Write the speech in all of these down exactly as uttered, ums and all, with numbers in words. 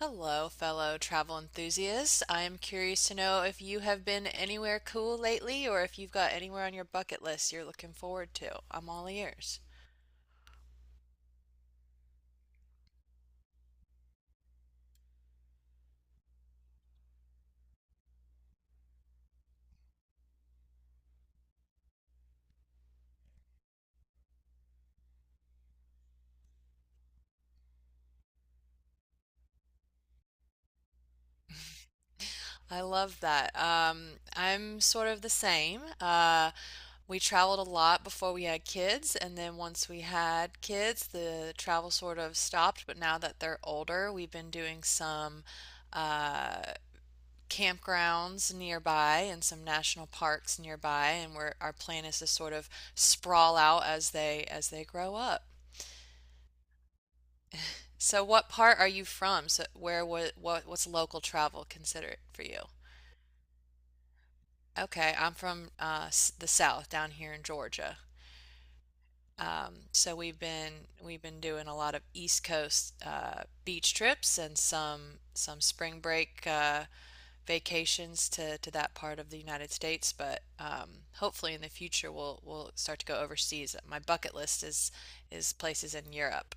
Hello, fellow travel enthusiasts. I am curious to know if you have been anywhere cool lately or if you've got anywhere on your bucket list you're looking forward to. I'm all ears. I love that. Um, I'm sort of the same. Uh, we traveled a lot before we had kids, and then once we had kids, the travel sort of stopped. But now that they're older, we've been doing some uh, campgrounds nearby and some national parks nearby and where our plan is to sort of sprawl out as they as they grow up. So what part are you from? So where what, what what's local travel considered for you? Okay, I'm from uh, the South down here in Georgia. Um, so we've been we've been doing a lot of East Coast uh, beach trips and some some spring break uh, vacations to, to that part of the United States, but um, hopefully in the future we'll we'll start to go overseas. My bucket list is is places in Europe.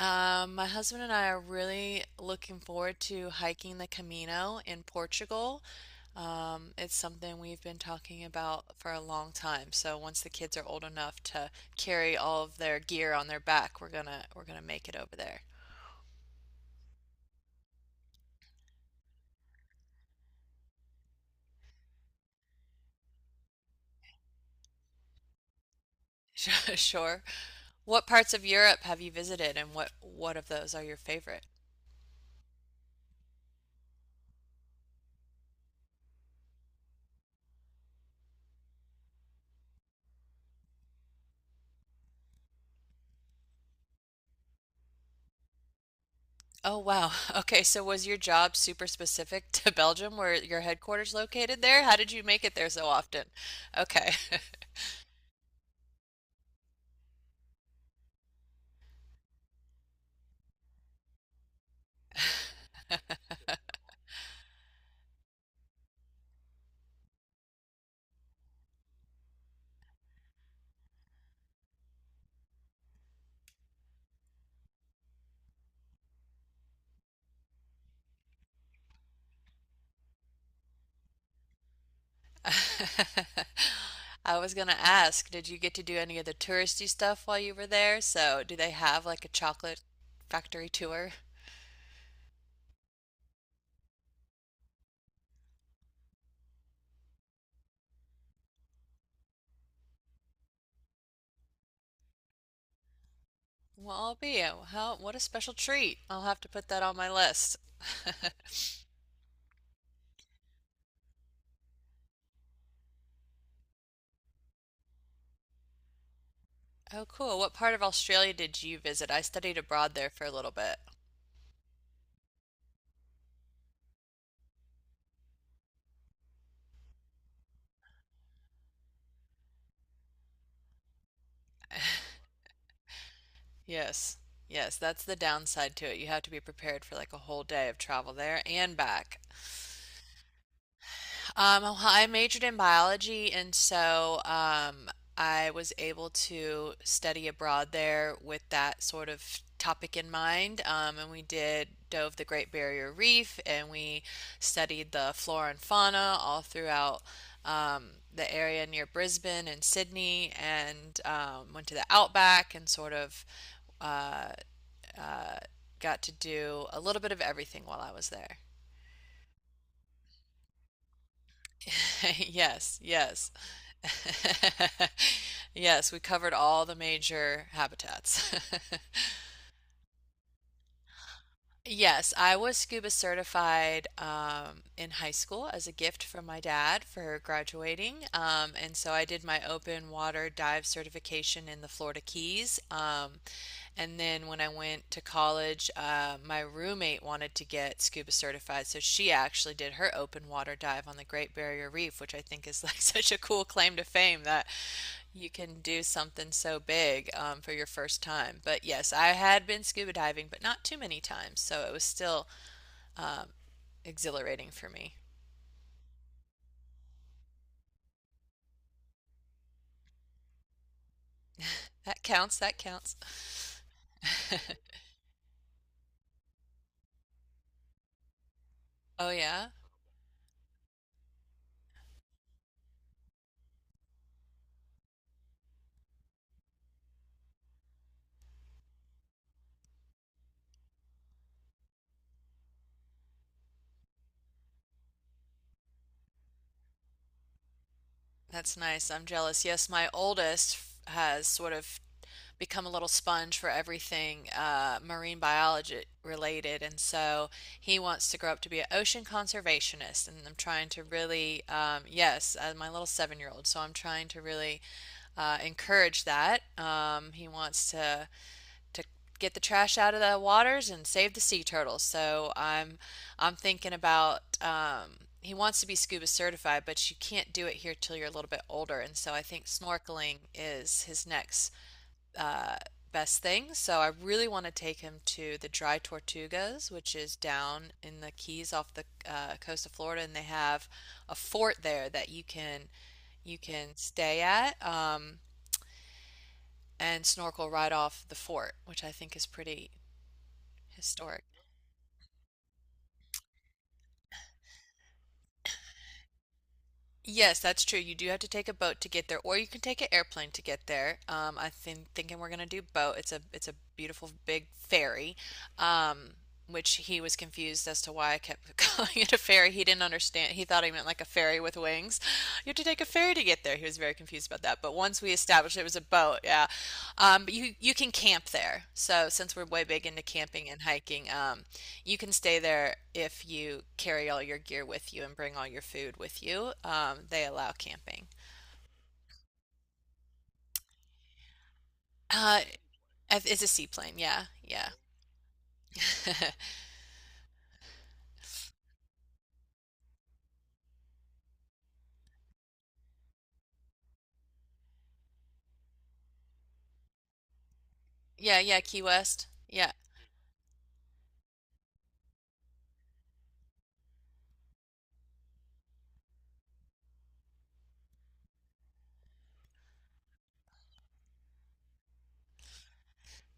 Um, my husband and I are really looking forward to hiking the Camino in Portugal. Um, it's something we've been talking about for a long time. So once the kids are old enough to carry all of their gear on their back, we're gonna we're gonna make it over there. Sure. What parts of Europe have you visited and what what of those are your favorite? Oh wow. Okay, so was your job super specific to Belgium where your headquarters located there? How did you make it there so often? Okay. I was gonna ask, did you get to do any of the touristy stuff while you were there? So, do they have like a chocolate factory tour? Well, I'll be. How, what a special treat. I'll have to put that on my list. Oh, cool. What part of Australia did you visit? I studied abroad there for a little bit. Yes. Yes, that's the downside to it. You have to be prepared for like a whole day of travel there and back. Um, well, I majored in biology, and so um, I was able to study abroad there with that sort of topic in mind. Um, and we did dove the Great Barrier Reef, and we studied the flora and fauna all throughout um, the area near Brisbane and Sydney, and um, went to the outback and sort of uh, uh, got to do a little bit of everything while I was there. Yes, yes. Yes, we covered all the major habitats. Yes, I was scuba certified um, in high school as a gift from my dad for graduating. Um, and so I did my open water dive certification in the Florida Keys. Um, and then when I went to college, uh, my roommate wanted to get scuba certified, so she actually did her open water dive on the Great Barrier Reef, which I think is like such a cool claim to fame that you can do something so big um, for your first time. But yes, I had been scuba diving, but not too many times, so it was still um, exhilarating for me. That counts, that counts. Oh, yeah, that's nice. I'm jealous. Yes, my oldest has sort of become a little sponge for everything uh, marine biology related. And so he wants to grow up to be an ocean conservationist. And I'm trying to really, um, yes, uh, my little seven year old. So I'm trying to really uh, encourage that. Um, he wants to to get the trash out of the waters and save the sea turtles. So I'm I'm thinking about um, he wants to be scuba certified, but you can't do it here till you're a little bit older. And so I think snorkeling is his next best thing. So I really want to take him to the Dry Tortugas, which is down in the Keys off the uh, coast of Florida, and they have a fort there that you can you can stay at um, and snorkel right off the fort, which I think is pretty historic. Yes, that's true. You do have to take a boat to get there, or you can take an airplane to get there. Um, I think thinking we're gonna do boat. It's a it's a beautiful big ferry, um, which he was confused as to why I kept calling it a ferry. He didn't understand. He thought I meant like a ferry with wings. You have to take a ferry to get there. He was very confused about that. But once we established it was a boat, yeah. Um, but you you can camp there. So since we're way big into camping and hiking, um, you can stay there if you carry all your gear with you and bring all your food with you. Um, they allow camping. Uh, it's a seaplane. Yeah, yeah, yeah, yeah. Key West. Yeah.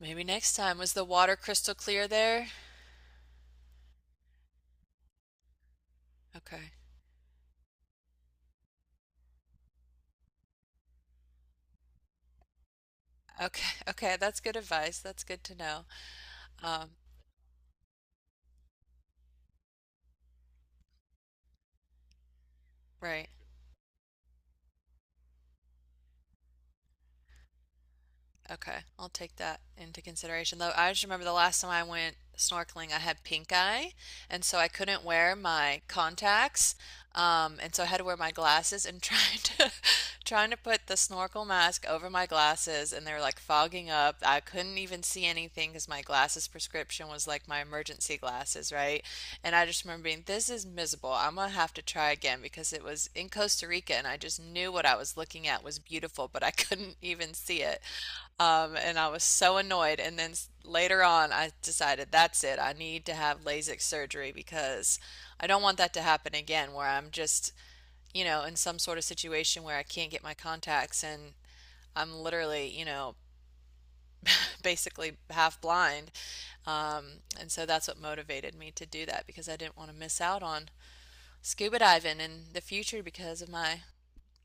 Maybe next time. Was the water crystal clear there? Okay. Okay. Okay. That's good advice. That's good to know. Um, right. Okay, I'll take that into consideration. Though I just remember the last time I went snorkeling, I had pink eye, and so I couldn't wear my contacts, um, and so I had to wear my glasses. And trying to trying to put the snorkel mask over my glasses, and they were like fogging up. I couldn't even see anything because my glasses prescription was like my emergency glasses, right? And I just remember being, this is miserable. I'm gonna have to try again because it was in Costa Rica, and I just knew what I was looking at was beautiful, but I couldn't even see it. Um, and I was so annoyed. And then s- later on, I decided that's it. I need to have LASIK surgery because I don't want that to happen again, where I'm just, you know, in some sort of situation where I can't get my contacts and I'm literally, you know, basically half blind. Um, and so that's what motivated me to do that because I didn't want to miss out on scuba diving in the future because of my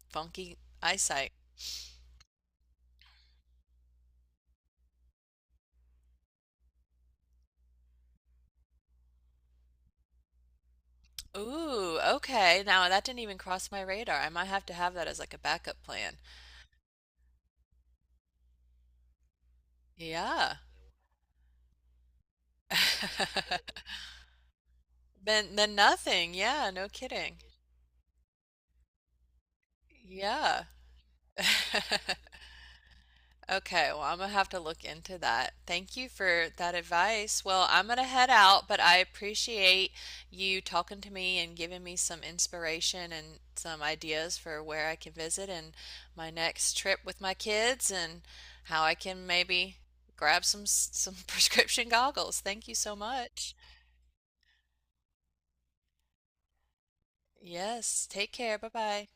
funky eyesight. Ooh, okay. Now that didn't even cross my radar. I might have to have that as like a backup plan. Yeah. Then then nothing. Yeah, no kidding. Yeah. Okay, well, I'm gonna have to look into that. Thank you for that advice. Well, I'm gonna head out, but I appreciate you talking to me and giving me some inspiration and some ideas for where I can visit and my next trip with my kids and how I can maybe grab some some prescription goggles. Thank you so much. Yes, take care. Bye-bye.